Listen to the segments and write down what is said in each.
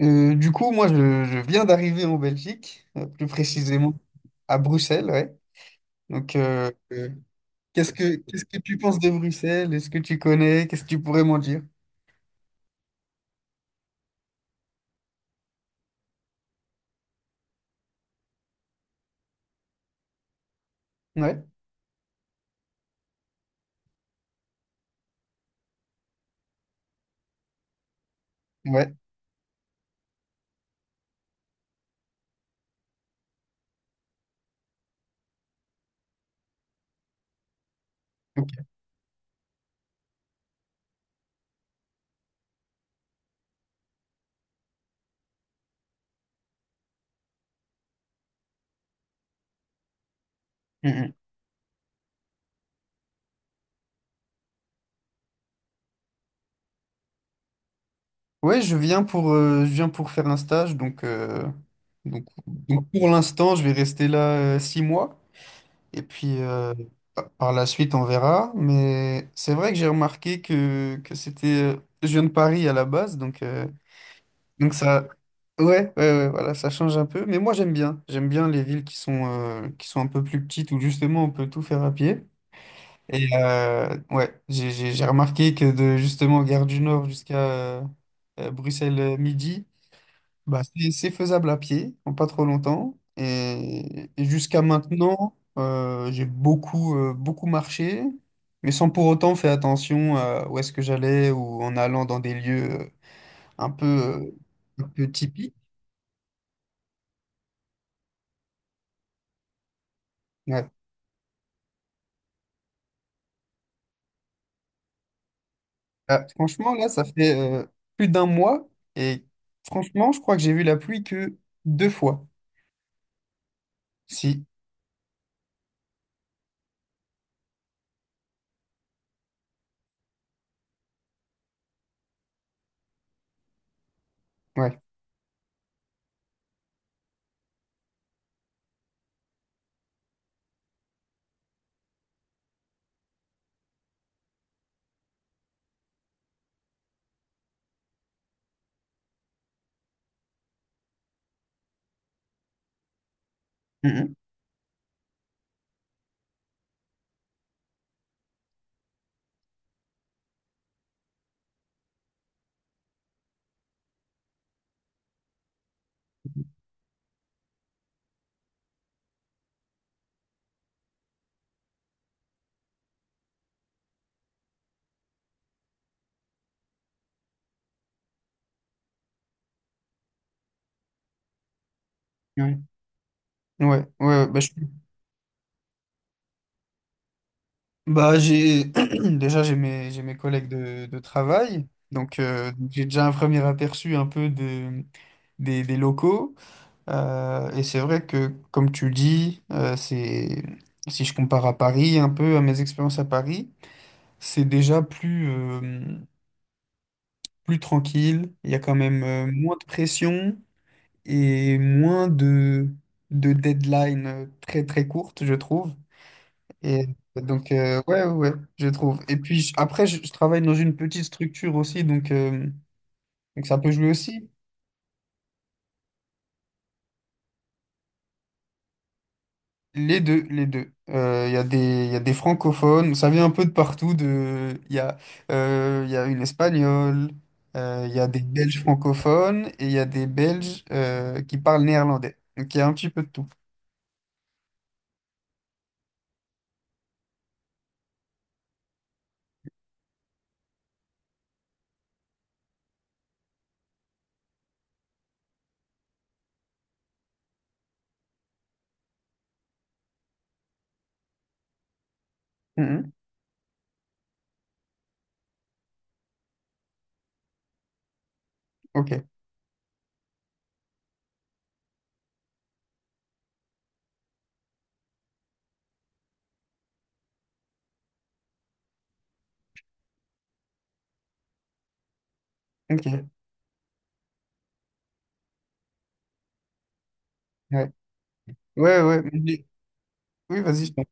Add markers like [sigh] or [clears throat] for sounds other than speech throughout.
Du coup, moi, je viens d'arriver en Belgique, plus précisément à Bruxelles, ouais. Donc, qu'est-ce que tu penses de Bruxelles? Est-ce que tu connais? Qu'est-ce que tu pourrais m'en dire? Ouais, ouais. Ok. Mhm. Ouais, je viens pour faire un stage, donc, donc pour l'instant, je vais rester là 6 mois, et puis par la suite, on verra. Mais c'est vrai que j'ai remarqué que c'était, je viens de Paris à la base, donc. Donc ça, ouais, ouais, ouais, voilà, ça change un peu. Mais moi j'aime bien. J'aime bien les villes qui sont un peu plus petites où justement on peut tout faire à pied. Et ouais, j'ai remarqué que de justement Gare du Nord jusqu'à euh, Bruxelles midi, bah, c'est faisable à pied, en pas trop longtemps. Et jusqu'à maintenant, j'ai beaucoup, beaucoup marché, mais sans pour autant faire attention à où est-ce que j'allais ou en allant dans des lieux un peu, euh, un peu typiques. Ouais. Ah, franchement, là, ça fait plus d'un mois et franchement, je crois que j'ai vu la pluie que 2 fois. Si, ouais. Mhm. Ouais, ouais, ouais, bah, bah, j'ai [clears throat] déjà j'ai mes collègues de travail, donc j'ai déjà un premier aperçu un peu de, des locaux. Et c'est vrai que, comme tu dis, c'est si je compare à Paris, un peu à mes expériences à Paris, c'est déjà plus tranquille, il y a quand même moins de pression et moins de deadline très très courte, je trouve. Et donc, ouais, ouais, ouais, je trouve. Et puis après, je travaille dans une petite structure aussi, donc ça peut jouer aussi. Les deux, les deux. Il y a il y a des francophones, ça vient un peu de partout. Il y a une espagnole, il y a des Belges francophones et il y a des Belges qui parlent néerlandais. Donc il y a un petit peu de tout. Mm, mm. Ok, ok, ouais. Ouais, ouais. Oui, vas-y.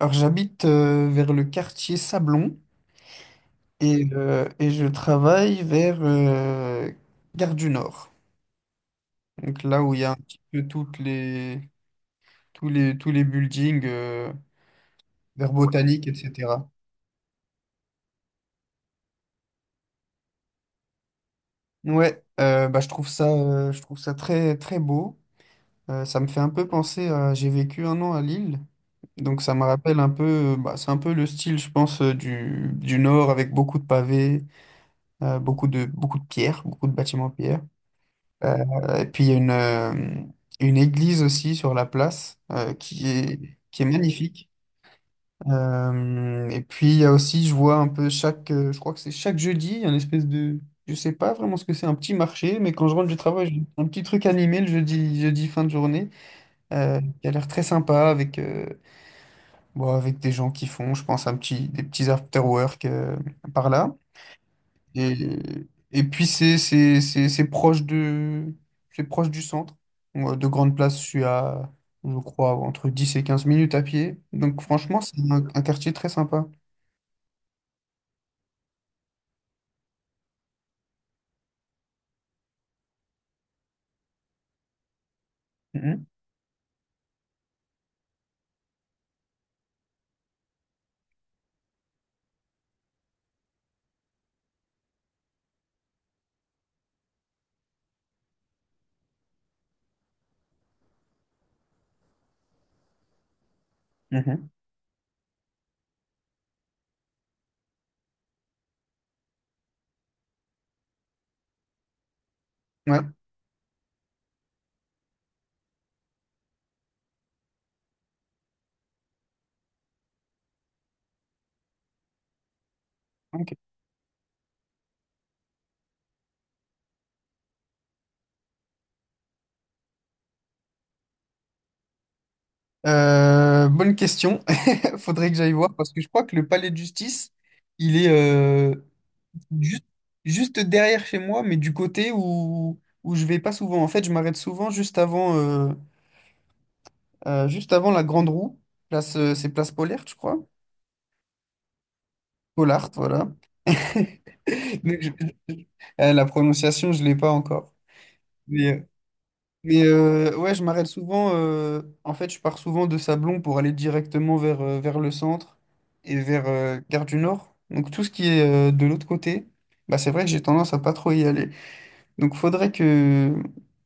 Alors, j'habite vers le quartier Sablon et je travaille vers Gare du Nord. Donc là où il y a un petit peu toutes les, tous les, tous les buildings vers Botanique, etc. Ouais, bah, je trouve ça très, très beau. Ça me fait un peu penser à... J'ai vécu un an à Lille, donc ça me rappelle un peu... Bah, c'est un peu le style, je pense, du Nord avec beaucoup de pavés. Beaucoup de pierres, beaucoup de bâtiments en pierre. Et puis il y a une église aussi sur la place qui est magnifique. Et puis il y a aussi, je vois un peu chaque, je crois que c'est chaque jeudi, il y a une espèce de, je sais pas vraiment ce que c'est, un petit marché, mais quand je rentre du travail, j'ai un petit truc animé le jeudi, jeudi fin de journée, qui a l'air très sympa avec des gens qui font, je pense, des petits after-work par là. Et, et puis c'est proche du centre. Moi, de grande place, je suis à, je crois, entre 10 et 15 minutes à pied. Donc franchement, c'est un quartier très sympa. Mhm, mhm. Ouais, ok. Bonne question. [laughs] Faudrait que j'aille voir parce que je crois que le palais de justice, il est juste, juste derrière chez moi, mais du côté où je vais pas souvent. En fait, je m'arrête souvent juste avant la grande roue. C'est place Polaire, je crois. Pollard, voilà. [laughs] Donc, je- la prononciation, je l'ai pas encore. Mais, euh, ouais, je m'arrête souvent. En fait, je pars souvent de Sablon pour aller directement vers le centre et vers Gare du Nord. Donc, tout ce qui est de l'autre côté, bah, c'est vrai que j'ai tendance à pas trop y aller. Donc, faudrait que...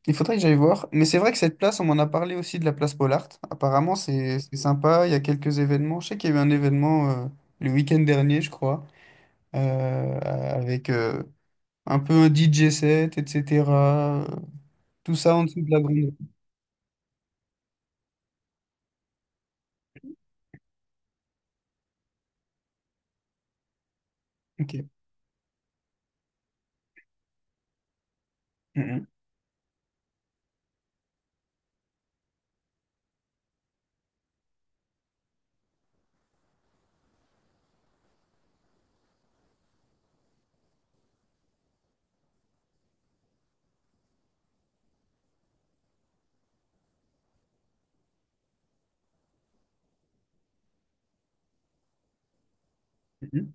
il faudrait que j'aille voir. Mais c'est vrai que cette place, on m'en a parlé aussi de la place Pollard. Apparemment, c'est sympa. Il y a quelques événements. Je sais qu'il y a eu un événement le week-end dernier, je crois, avec un peu un DJ set, etc. euh, Tout ça en dessous de la grande. Ok. Mhm, mhm,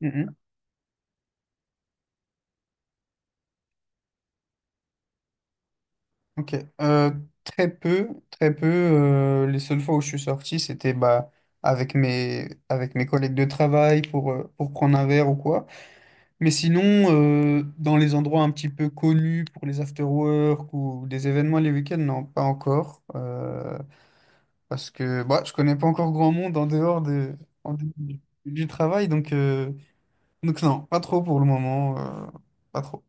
mhm. Ok. Euh, Très peu, très peu. Les seules fois où je suis sorti, c'était bah, avec mes collègues de travail pour prendre un verre ou quoi. Mais sinon, dans les endroits un petit peu connus pour les after-work ou des événements les week-ends, non, pas encore. Parce que bah, je connais pas encore grand monde en dehors du travail, donc non, pas trop pour le moment. Pas trop.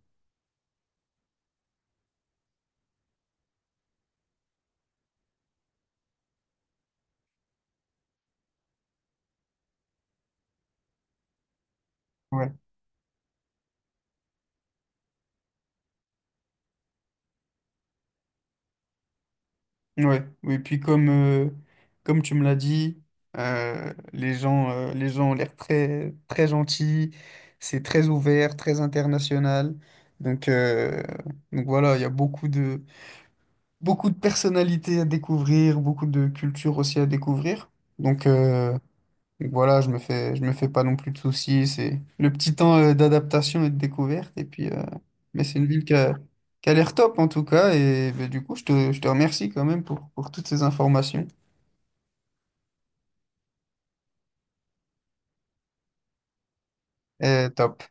Ouais. Ouais. Oui, puis comme tu me l'as dit, les gens ont l'air très, très gentils, c'est très ouvert, très international. Donc, euh, donc voilà, il y a beaucoup de personnalités à découvrir, beaucoup de cultures aussi à découvrir. Donc, euh, Donc voilà, je me fais pas non plus de soucis. C'est le petit temps d'adaptation et de découverte. Et puis, mais c'est une ville qui a l'air top en tout cas. Et ben, du coup, je te remercie quand même pour toutes ces informations. Top.